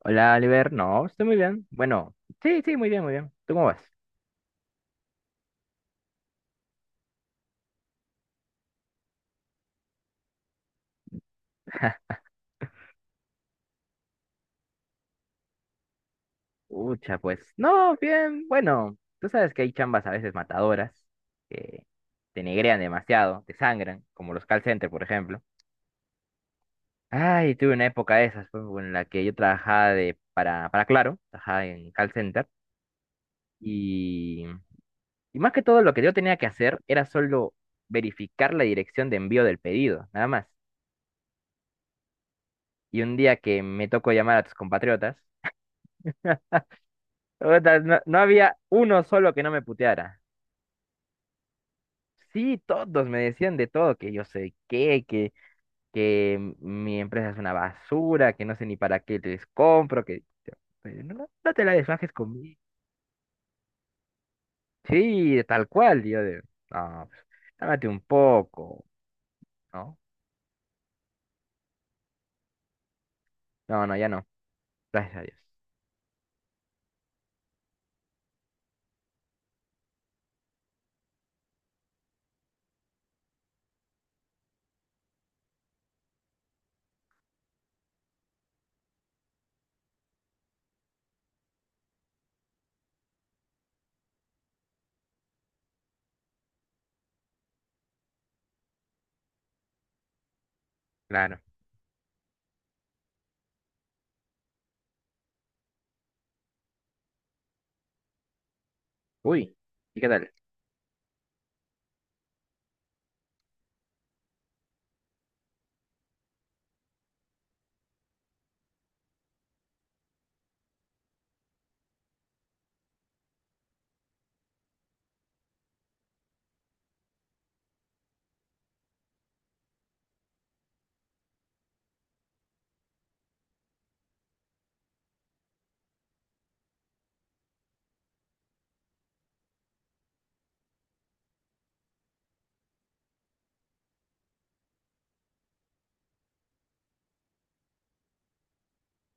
Hola, Oliver. No, estoy muy bien. Bueno, sí, sí, muy bien, muy bien. ¿Tú cómo vas? Ucha, pues. No, bien. Bueno, tú sabes que hay chambas a veces matadoras que te negrean demasiado, te sangran, como los call centers, por ejemplo. Ay, tuve una época de esas, pues, en la que yo trabajaba para Claro, trabajaba en call center. Y, y más que todo, lo que yo tenía que hacer era solo verificar la dirección de envío del pedido, nada más. Y un día que me tocó llamar a tus compatriotas, puta, no, no había uno solo que no me puteara. Sí, todos me decían de todo, que yo sé qué, que mi empresa es una basura, que no sé ni para qué les compro, yo, pero no te la desfajes conmigo. Sí, tal cual, no, pues, cálmate un poco, ¿no? No, no, ya no, gracias a Dios. Claro. Uy, ¿y qué tal?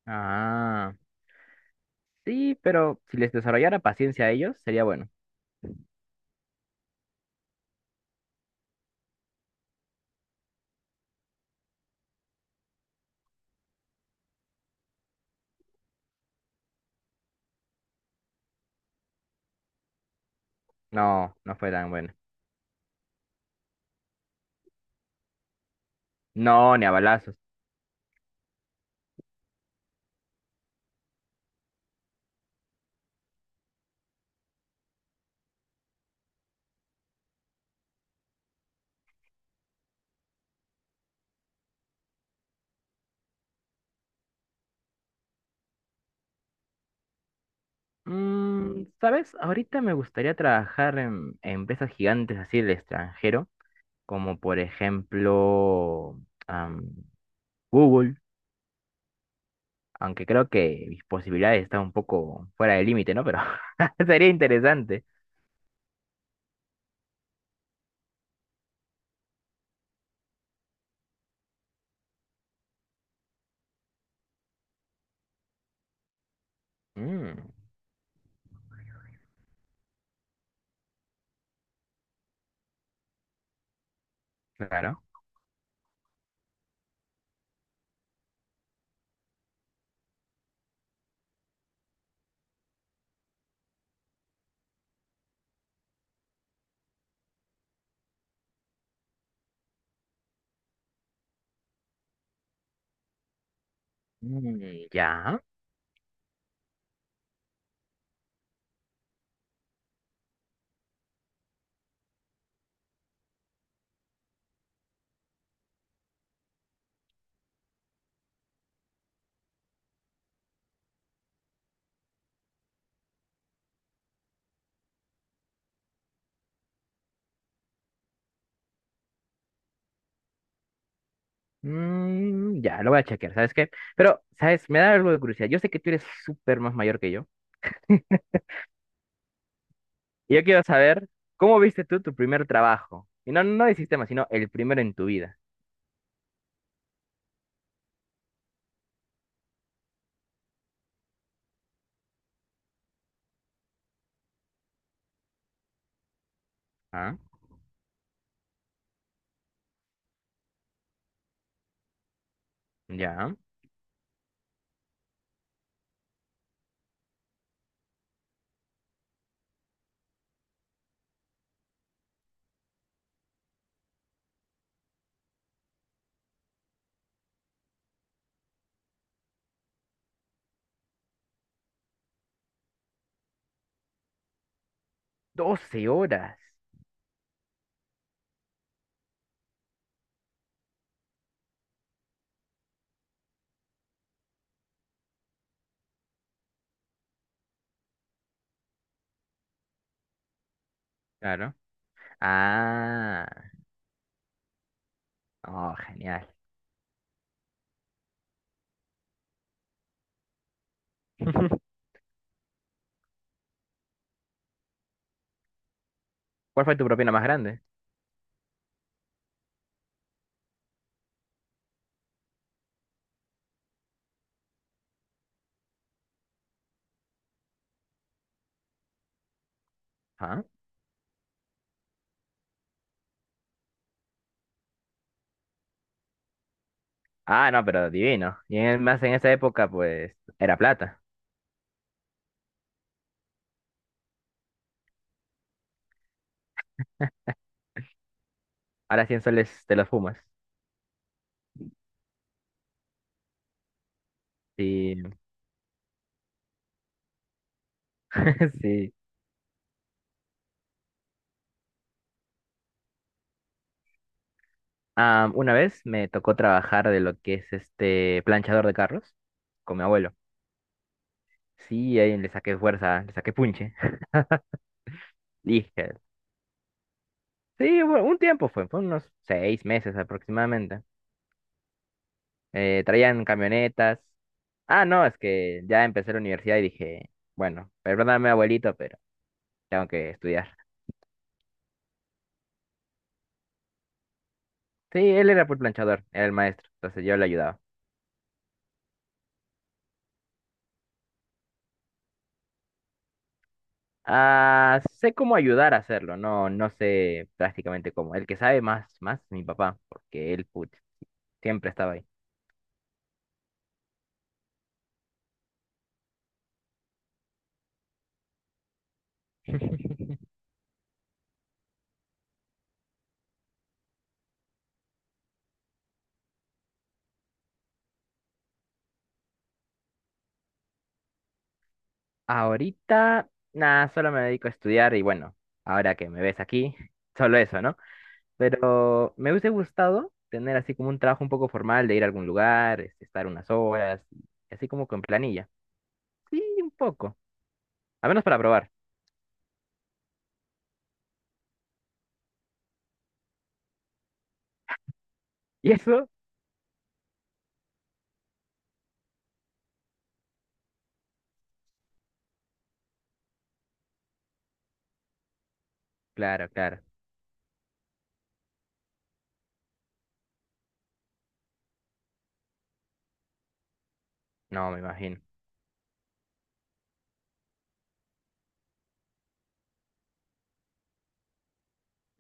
Ah, sí, pero si les desarrollara paciencia a ellos, sería bueno. No, no fue tan bueno. No, ni a balazos. Mm, ¿sabes? Ahorita me gustaría trabajar en empresas gigantes así del extranjero, como por ejemplo am, Google, aunque creo que mis posibilidades están un poco fuera del límite, ¿no? Pero sería interesante. Mm, claro. Mm, ya. Mm, ya, lo voy a chequear, ¿sabes qué? Pero, ¿sabes? Me da algo de curiosidad. Yo sé que tú eres súper más mayor que yo. Y yo quiero saber, ¿cómo viste tú tu primer trabajo? Y no, no de sistema, sino el primero en tu vida. ¿Ah? Ya, 12 horas. Claro. Ah, oh, genial. ¿Cuál fue tu propina más grande? Ah. Ah, no, pero divino. Y más en esa época, pues, era plata. Ahora 100 soles te los fumas. Sí, sí. Ah, una vez me tocó trabajar de lo que es este planchador de carros con mi abuelo. Sí, ahí le saqué fuerza, le saqué punche. Dije, sí, un tiempo fue unos 6 meses aproximadamente. Traían camionetas. Ah, no, es que ya empecé la universidad y dije, bueno, perdóname abuelito, pero tengo que estudiar. Sí, él era full planchador, era el maestro, entonces yo le ayudaba. Ah, sé cómo ayudar a hacerlo, no, no sé prácticamente cómo. El que sabe más, más, mi papá, porque él, put, siempre estaba ahí. Ahorita, nada, solo me dedico a estudiar y bueno, ahora que me ves aquí, solo eso, ¿no? Pero me hubiese gustado tener así como un trabajo un poco formal de ir a algún lugar, este, estar unas horas, y así como con planilla. Sí, un poco. Al menos para probar. ¿Y eso? Claro, claro. No, me imagino.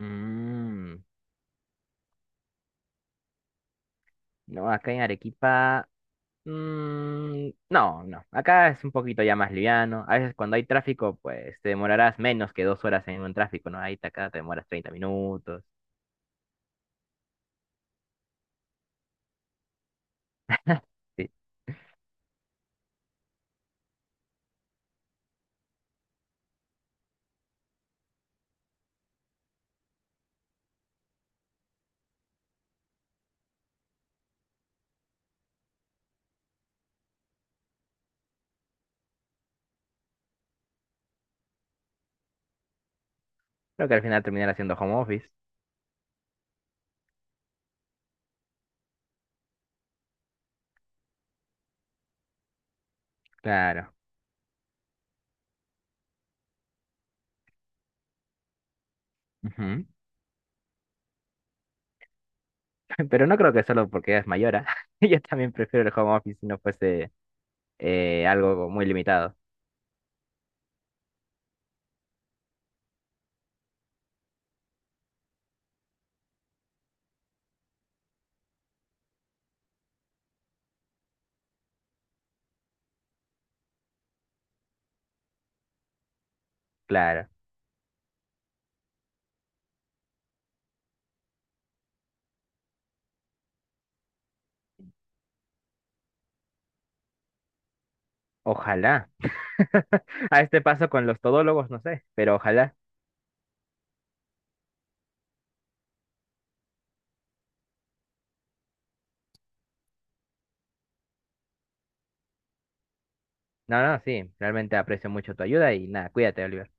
Mm, no, acá en Arequipa. Mm, no, no. Acá es un poquito ya más liviano. A veces cuando hay tráfico, pues te demorarás menos que 2 horas en un tráfico, ¿no? Acá te demoras 30 minutos. Sí. Creo que al final terminarás haciendo home office. Claro. Ujú. Pero no creo que solo porque ella es mayora. Yo también prefiero el home office si no fuese algo muy limitado. Claro. Ojalá. A este paso con los todólogos, no sé, pero ojalá. No, no, sí. Realmente aprecio mucho tu ayuda y nada, cuídate, Oliver.